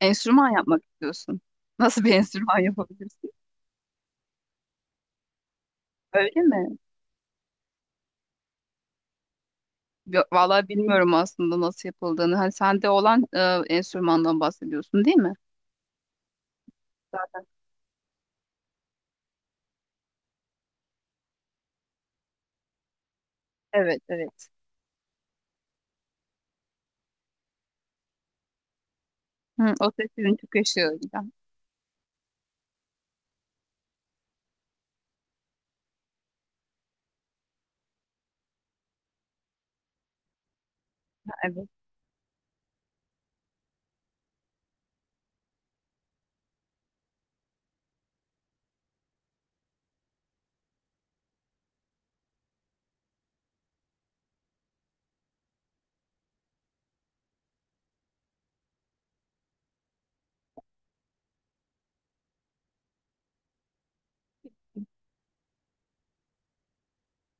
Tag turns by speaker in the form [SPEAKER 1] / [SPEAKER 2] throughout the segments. [SPEAKER 1] Enstrüman yapmak istiyorsun. Nasıl bir enstrüman yapabilirsin? Öyle mi? Vallahi bilmiyorum aslında nasıl yapıldığını. Hani sende olan enstrümandan bahsediyorsun, değil mi? Zaten. Evet, evet. Hı, o ses sizin çok yaşıyor. Evet.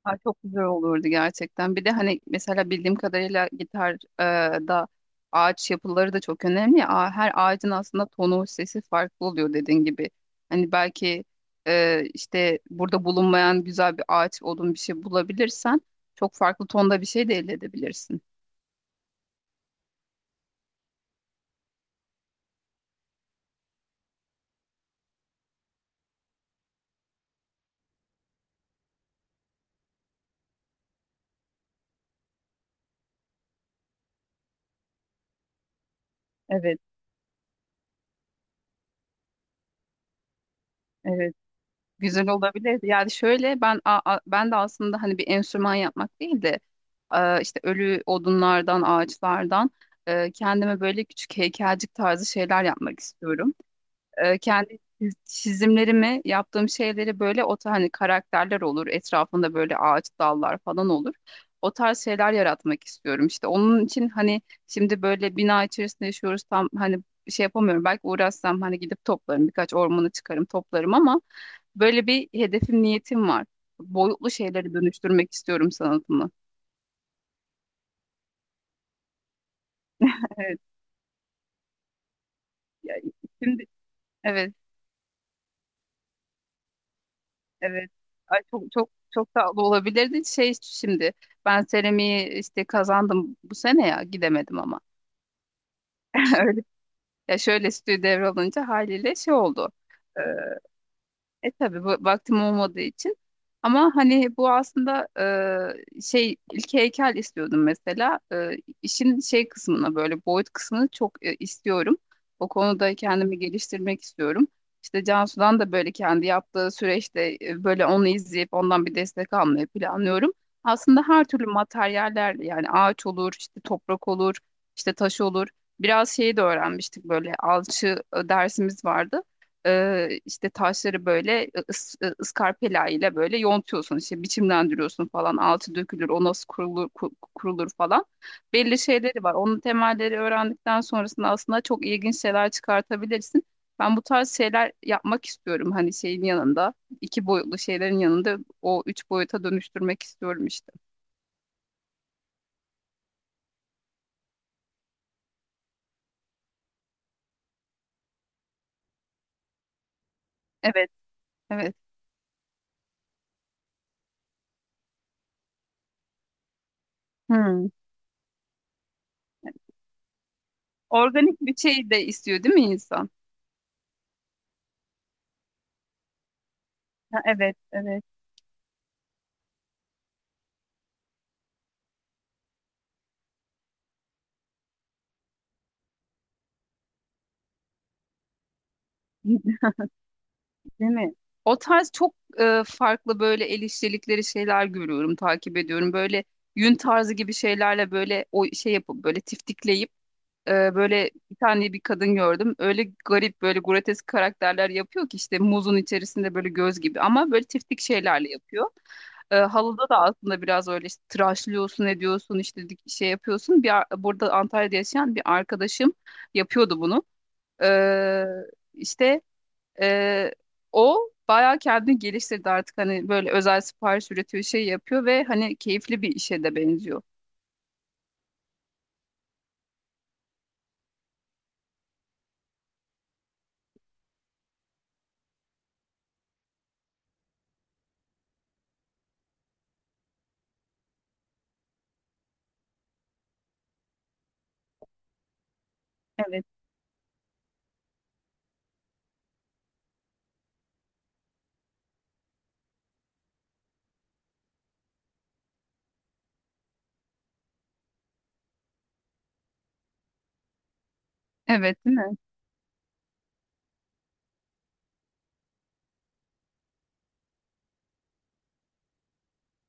[SPEAKER 1] Ay, çok güzel olurdu gerçekten. Bir de hani mesela bildiğim kadarıyla gitar da ağaç yapıları da çok önemli, ya. Her ağacın aslında tonu, sesi farklı oluyor dediğin gibi. Hani belki işte burada bulunmayan güzel bir ağaç, odun bir şey bulabilirsen çok farklı tonda bir şey de elde edebilirsin. Evet, evet. Güzel olabilirdi. Yani şöyle ben de aslında hani bir enstrüman yapmak değil de işte ölü odunlardan, ağaçlardan kendime böyle küçük heykelcik tarzı şeyler yapmak istiyorum. Kendi çizimlerimi, yaptığım şeyleri böyle hani karakterler olur, etrafında böyle ağaç dallar falan olur. O tarz şeyler yaratmak istiyorum. İşte onun için hani şimdi böyle bina içerisinde yaşıyoruz, tam hani şey yapamıyorum. Belki uğraşsam hani gidip toplarım, birkaç ormanı çıkarım, toplarım ama böyle bir hedefim, niyetim var. Boyutlu şeyleri dönüştürmek istiyorum sanatımı. Evet. Ya, şimdi evet, evet. Ay, çok çok çok tatlı olabilirdi. Şey, şimdi ben seramiği işte kazandım bu sene ya, gidemedim ama. Öyle. Ya şöyle, stüdyo devralınca haliyle şey oldu. Ee, E tabii bu, vaktim olmadığı için. Ama hani bu aslında şey, ilk heykel istiyordum mesela. İşin şey kısmına, böyle boyut kısmını çok istiyorum. O konuda kendimi geliştirmek istiyorum. İşte Cansu'dan da böyle kendi yaptığı süreçte böyle onu izleyip ondan bir destek almayı planlıyorum. Aslında her türlü materyallerle, yani ağaç olur, işte toprak olur, işte taş olur. Biraz şeyi de öğrenmiştik, böyle alçı dersimiz vardı. İşte taşları böyle ıskarpela ile böyle yontuyorsun, işte biçimlendiriyorsun falan, altı dökülür, o nasıl kurulur, kurulur falan, belli şeyleri var onun, temelleri öğrendikten sonrasında aslında çok ilginç şeyler çıkartabilirsin. Ben bu tarz şeyler yapmak istiyorum, hani şeyin yanında, iki boyutlu şeylerin yanında o üç boyuta dönüştürmek istiyorum işte. Evet, evet. Hmm. Organik bir şey de istiyor değil mi insan. Ha, evet, evet. Değil mi? O tarz çok farklı böyle el işçilikleri şeyler görüyorum, takip ediyorum. Böyle yün tarzı gibi şeylerle böyle o şey yapıp böyle tiftikleyip böyle bir tane bir kadın gördüm. Öyle garip böyle grotesk karakterler yapıyor ki, işte muzun içerisinde böyle göz gibi ama böyle tiftik şeylerle yapıyor. E, halıda da aslında biraz öyle işte tıraşlıyorsun, ediyorsun, işte şey yapıyorsun. Burada Antalya'da yaşayan bir arkadaşım yapıyordu bunu. E, işte ee, o bayağı kendini geliştirdi artık, hani böyle özel sipariş üretiyor, şey yapıyor ve hani keyifli bir işe de benziyor. Evet. Evet, değil mi?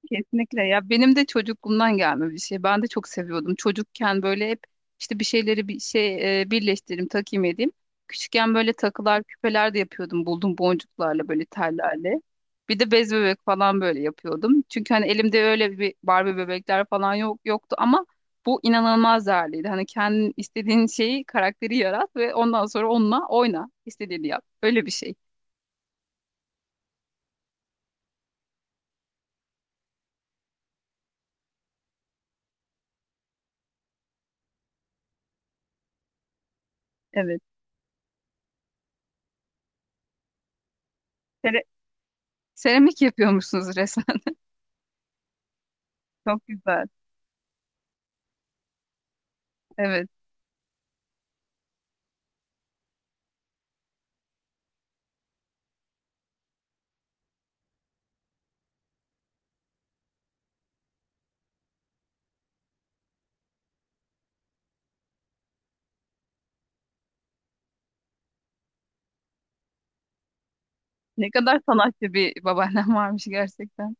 [SPEAKER 1] Kesinlikle ya, benim de çocukluğumdan gelme bir şey. Ben de çok seviyordum. Çocukken böyle hep işte bir şeyleri birleştireyim, takayım, edeyim. Küçükken böyle takılar, küpeler de yapıyordum. Buldum boncuklarla böyle tellerle. Bir de bez bebek falan böyle yapıyordum. Çünkü hani elimde öyle bir Barbie bebekler falan yok yoktu ama bu inanılmaz değerliydi. Hani kendin istediğin şeyi, karakteri yarat ve ondan sonra onunla oyna, istediğini yap. Öyle bir şey. Evet. Sere- Seramik yapıyormuşsunuz resmen. Çok güzel. Evet. Ne kadar sanatçı bir babaannem varmış gerçekten.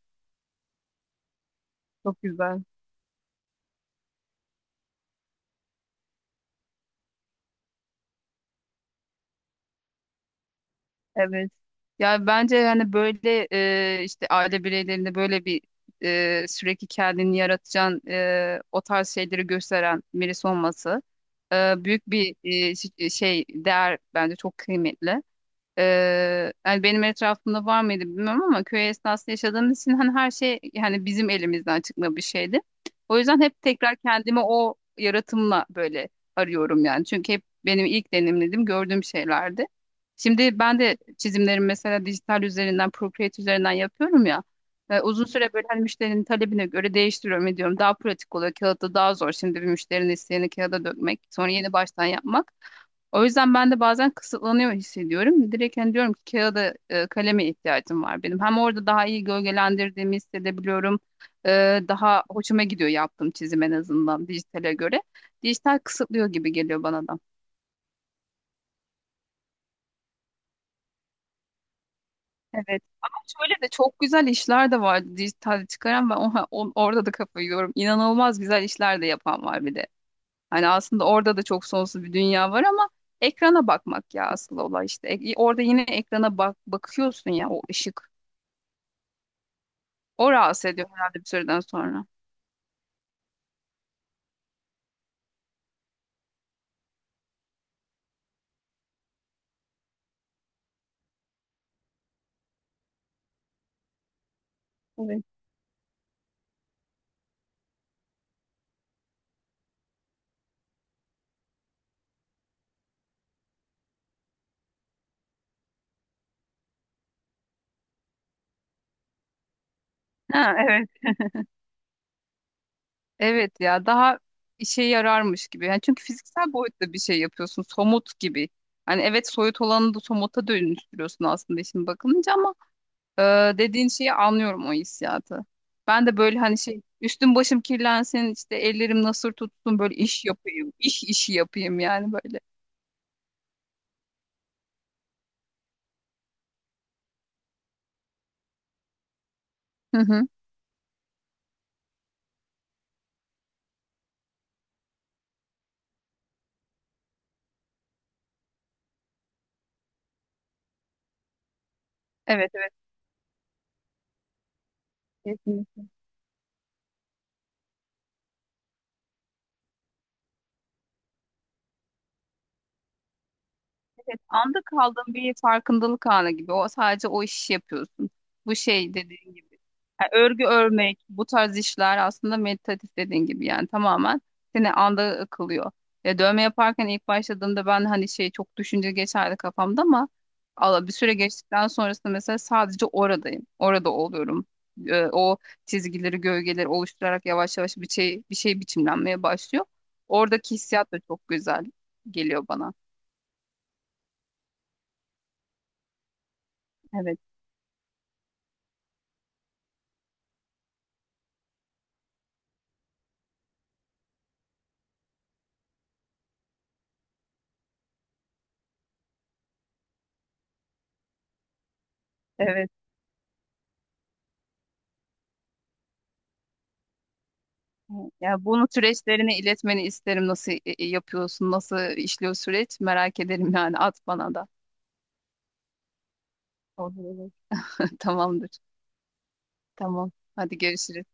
[SPEAKER 1] Çok güzel. Evet. Ya bence yani böyle işte aile bireylerinde böyle bir sürekli kendini yaratacağın o tarz şeyleri gösteren birisi olması büyük bir şey değer, bence çok kıymetli. Yani benim etrafımda var mıydı bilmiyorum ama köy esnasında yaşadığımız için hani her şey yani bizim elimizden çıkma bir şeydi. O yüzden hep tekrar kendimi o yaratımla böyle arıyorum yani. Çünkü hep benim ilk deneyimlediğim, gördüğüm şeylerdi. Şimdi ben de çizimlerimi mesela dijital üzerinden, Procreate üzerinden yapıyorum ya. Uzun süre böyle hani müşterinin talebine göre değiştiriyorum, ediyorum. Daha pratik oluyor. Kağıtta daha zor şimdi bir müşterinin isteğini kağıda dökmek, sonra yeni baştan yapmak. O yüzden ben de bazen kısıtlanıyor hissediyorum. Direkt hani diyorum ki kağıda, kaleme ihtiyacım var benim. Hem orada daha iyi gölgelendirdiğimi hissedebiliyorum. Daha hoşuma gidiyor yaptığım çizim, en azından dijitale göre. Dijital kısıtlıyor gibi geliyor bana da. Evet. Ama şöyle de çok güzel işler de vardı dijitalde çıkaran. Ben orada da kafayı yiyorum. İnanılmaz güzel işler de yapan var bir de. Hani aslında orada da çok sonsuz bir dünya var ama ekrana bakmak ya asıl olay işte. E, orada yine ekrana bakıyorsun ya, o ışık. O rahatsız ediyor herhalde bir süreden sonra. Evet. Ha, evet. Evet ya, daha işe yararmış gibi. Yani çünkü fiziksel boyutta bir şey yapıyorsun. Somut gibi. Hani evet, soyut olanı da somuta dönüştürüyorsun aslında işin bakılınca ama dediğin şeyi anlıyorum, o hissiyatı. Ben de böyle hani şey, üstüm başım kirlensin, işte ellerim nasır tutsun, böyle iş yapayım, iş işi yapayım yani, böyle. Hı hı. Evet, evet. Kesinlikle. Evet, anda kaldığın bir farkındalık anı gibi. O, sadece o işi yapıyorsun. Bu şey dediğin gibi, yani örgü örmek, bu tarz işler aslında meditatif, dediğin gibi yani tamamen seni anda kılıyor. Ya, dövme yaparken ilk başladığımda ben hani şey, çok düşünce geçerdi kafamda ama Allah, bir süre geçtikten sonrasında mesela sadece oradayım. Orada oluyorum. O çizgileri, gölgeleri oluşturarak yavaş yavaş bir şey biçimlenmeye başlıyor. Oradaki hissiyat da çok güzel geliyor bana. Evet. Evet. Ya, bunu süreçlerini iletmeni isterim. Nasıl yapıyorsun? Nasıl işliyor süreç? Merak ederim yani. At bana da. Olur, olur. Tamamdır. Tamam. Hadi görüşürüz.